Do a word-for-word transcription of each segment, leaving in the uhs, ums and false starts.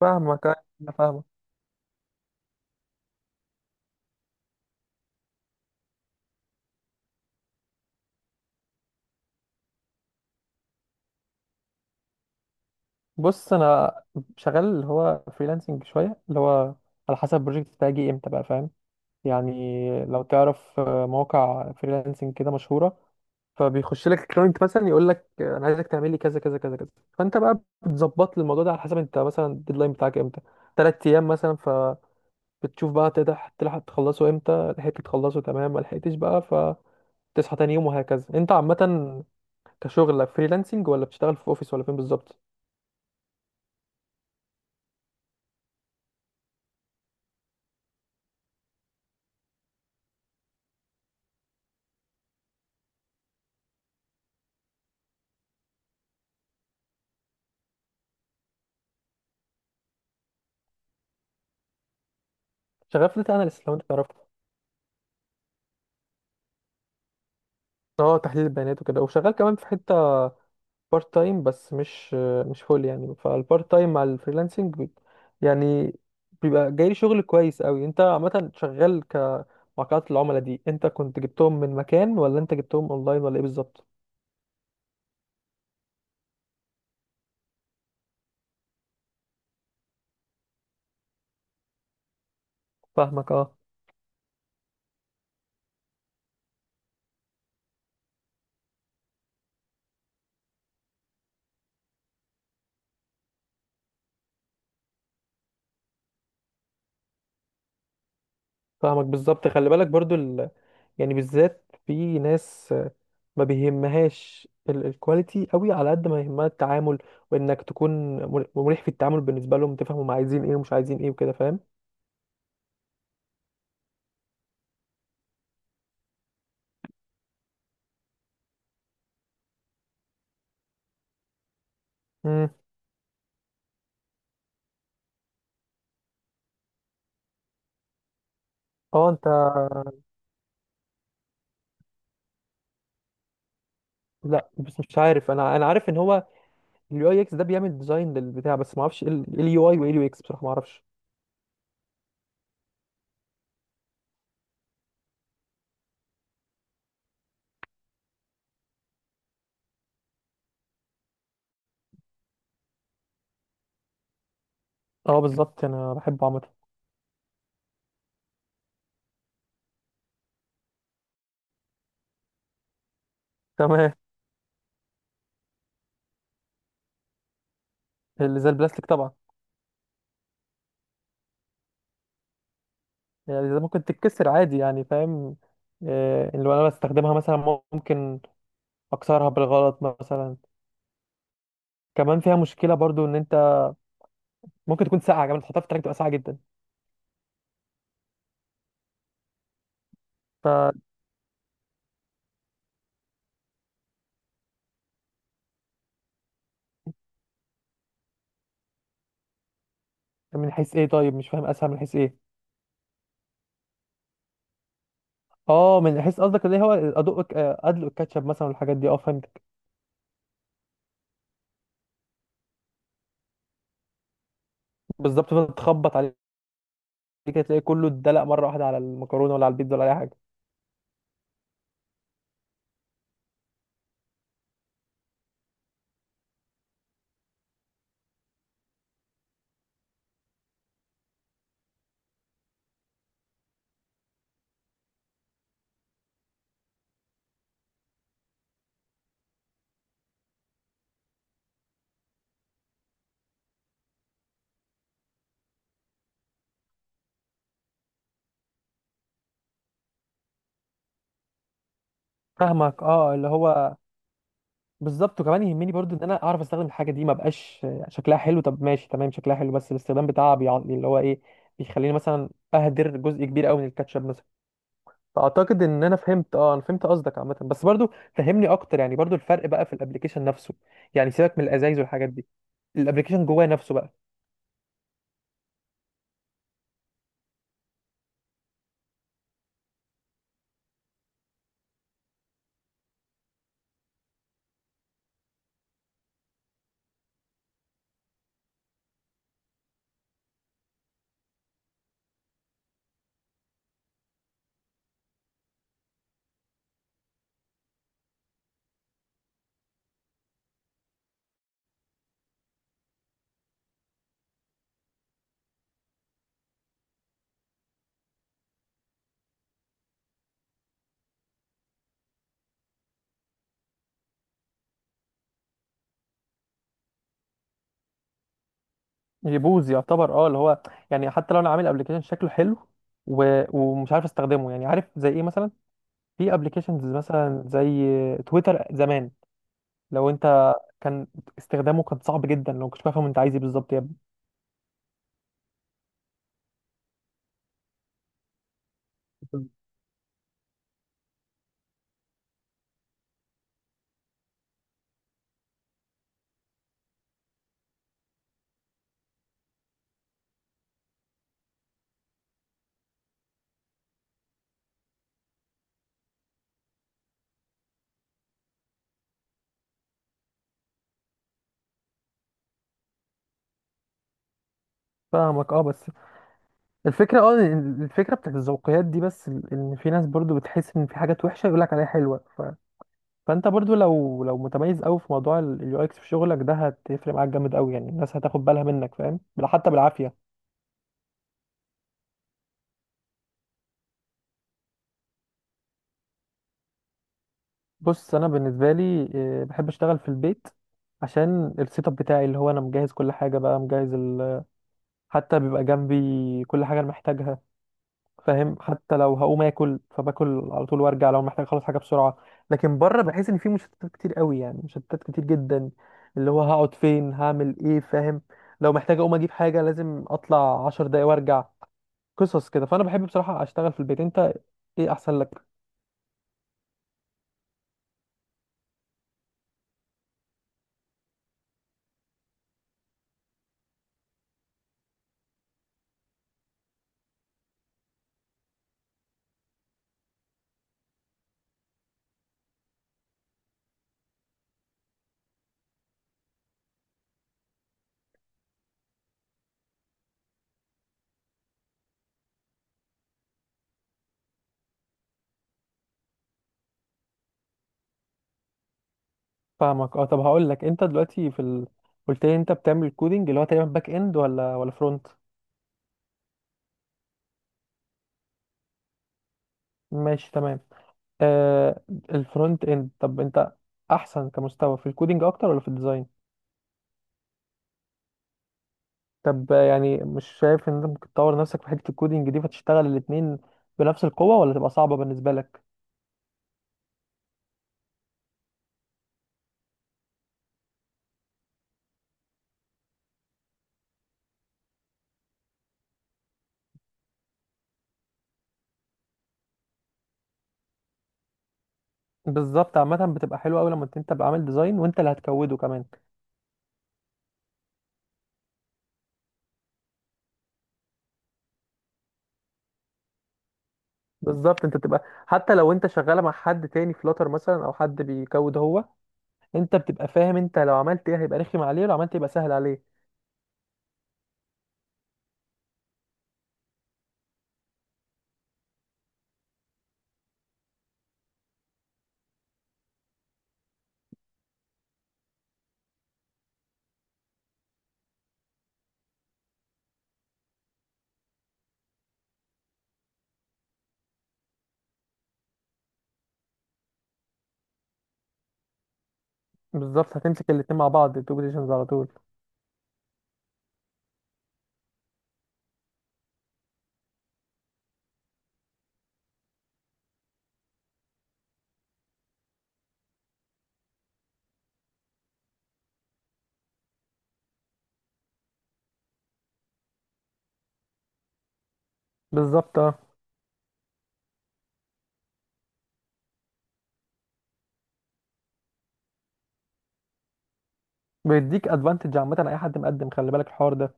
فاهمك، أيوة، انا فاهمك. بص، انا شغال اللي هو فريلانسنج شويه، اللي هو على حسب البروجكت بتاعي يجي امتى بقى، فاهم؟ يعني لو تعرف آه، مواقع فريلانسنج كده مشهوره، فبيخش لك كلاينت مثلا يقول لك آه، انا عايزك تعمل لي كذا كذا كذا كذا. فانت بقى بتظبط لي الموضوع ده على حسب انت مثلا الديدلاين بتاعك امتى، ثلاث ايام مثلا، فبتشوف بقى تقدر تلحق تخلصه امتى. لحقت تخلصه تمام، ما لحقتش بقى فتصحى تاني يوم، وهكذا. انت عامه كشغل فريلانسنج، ولا بتشتغل في اوفيس، ولا فين بالظبط؟ شغال في داتا اناليست، لو انت تعرفه. اه، تحليل البيانات وكده، وشغال كمان في حته بارت تايم، بس مش مش فول يعني. فالبارت تايم مع الفريلانسنج بي- يعني بيبقى جاي لي شغل كويس قوي. انت عامه شغال كمواقعات العملاء دي، انت كنت جبتهم من مكان، ولا انت جبتهم اونلاين، ولا ايه بالظبط؟ فاهمك، اه. فاهمك بالظبط. خلي بالك برضو ال... يعني بالذات في ناس ما بيهمهاش ال- الكواليتي قوي على قد ما يهمها التعامل، وانك تكون مر- مريح في التعامل بالنسبه لهم. تفهم هم عايزين ايه ومش عايزين ايه وكده، فاهم؟ امم. اه، انت. لا، بس مش عارف، انا انا عارف ان هو اليو اي اكس ده بيعمل ديزاين للبتاع، بس ما اعرفش ايه اليو اي وايه اليو اكس بصراحه، ما اعرفش. اه بالظبط، انا بحبه عامه. تمام. اللي زي البلاستيك طبعا. يعني اللي زي ممكن تتكسر عادي يعني، فاهم؟ آه، اللي انا بستخدمها مثلا ممكن اكسرها بالغلط مثلا. كمان فيها مشكله برضو ان انت ممكن تكون ساقعه، كمان تحطها في التراك تبقى ساقعه جدا. ف من حيث ايه؟ طيب مش فاهم، اسهل من حيث ايه؟ اه، من حيث قصدك اللي هو ادق آه، ادلق الكاتشب مثلا والحاجات دي، اه فهمتك. بالظبط، فضلت تخبط عليه كده تلاقي كله اتدلق مره واحده على المكرونه ولا على البيتزا ولا اي حاجه. فاهمك، اه، اللي هو بالظبط. وكمان يهمني برضو ان انا اعرف استخدم الحاجه دي. ما بقاش آه، شكلها حلو طب ماشي، تمام شكلها حلو بس الاستخدام بتاعها بيع- اللي هو ايه، بيخليني مثلا اهدر جزء كبير قوي من الكاتشب مثلا. فاعتقد ان انا فهمت. اه، انا فهمت قصدك عامه، بس برضو فهمني اكتر يعني، برضو الفرق بقى في الابليكيشن نفسه. يعني سيبك من الازايز والحاجات دي، الابلكيشن جواه نفسه بقى يبوظ يعتبر، اه، اللي هو يعني حتى لو انا عامل ابلكيشن شكله حلو و... ومش عارف استخدمه. يعني عارف زي ايه مثلا؟ في ابلكيشنز مثلا زي تويتر زمان، لو انت كان استخدامه كان صعب جدا، لو كنتش فاهم انت عايز ايه بالظبط يا ابني. فاهمك، اه، بس الفكره، اه، إن الفكره بتاعت الذوقيات دي، بس ال- ان في ناس برضو بتحس ان في حاجات وحشه يقول لك عليها حلوه. ف... فانت برضو لو لو متميز قوي في موضوع اليو اكس في شغلك ده، هتفرق معاك جامد قوي يعني. الناس هتاخد بالها منك، فاهم؟ بل- حتى بالعافيه. بص، انا بالنسبه لي آه، بحب اشتغل في البيت، عشان السيت اب بتاعي، اللي هو انا مجهز كل حاجه بقى، مجهز ال... حتى بيبقى جنبي كل حاجه انا محتاجها، فاهم؟ حتى لو هقوم اكل فباكل على طول وارجع، لو محتاج اخلص حاجه بسرعه. لكن بره بحس ان في مشتتات كتير قوي يعني، مشتتات كتير جدا، اللي هو هقعد فين، هعمل ايه، فاهم؟ لو محتاج اقوم اجيب حاجه لازم اطلع عشر دقايق وارجع، قصص كده. فانا بحب بصراحه اشتغل في البيت. انت ايه احسن لك؟ فاهمك، اه. طب هقول لك، انت دلوقتي في ال... قلت لي انت بتعمل كودينج، اللي هو تقريبا باك اند، ولا ولا فرونت؟ ماشي تمام. آه الفرونت اند، طب انت احسن كمستوى في الكودينج اكتر، ولا في الديزاين؟ طب آه، يعني مش شايف ان انت ممكن تطور نفسك في حته الكودينج دي، فتشتغل الاتنين بنفس القوه، ولا تبقى صعبه بالنسبه لك؟ بالظبط، عامه بتبقى حلوه قوي لما انت تبقى عامل ديزاين وانت اللي هتكوده كمان. بالظبط، انت تبقى حتى لو انت شغاله مع حد تاني، فلاتر مثلا، او حد بيكود هو، انت بتبقى فاهم انت لو عملت ايه هيبقى رخم عليه، ولو عملت ايه يبقى سهل عليه. بالظبط، هتمسك الاتنين مع بعض، التو بوزيشنز على طول. بالظبط، اه، بيديك ادفانتج عامه على اي حد مقدم، خلي بالك الحوار ده.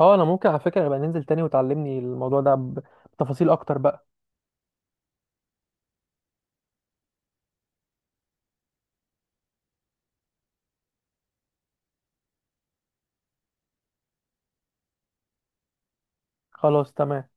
اه، انا ممكن على فكره يبقى ننزل تاني وتعلمني الموضوع ده بتفاصيل اكتر بقى. خلاص، تمام.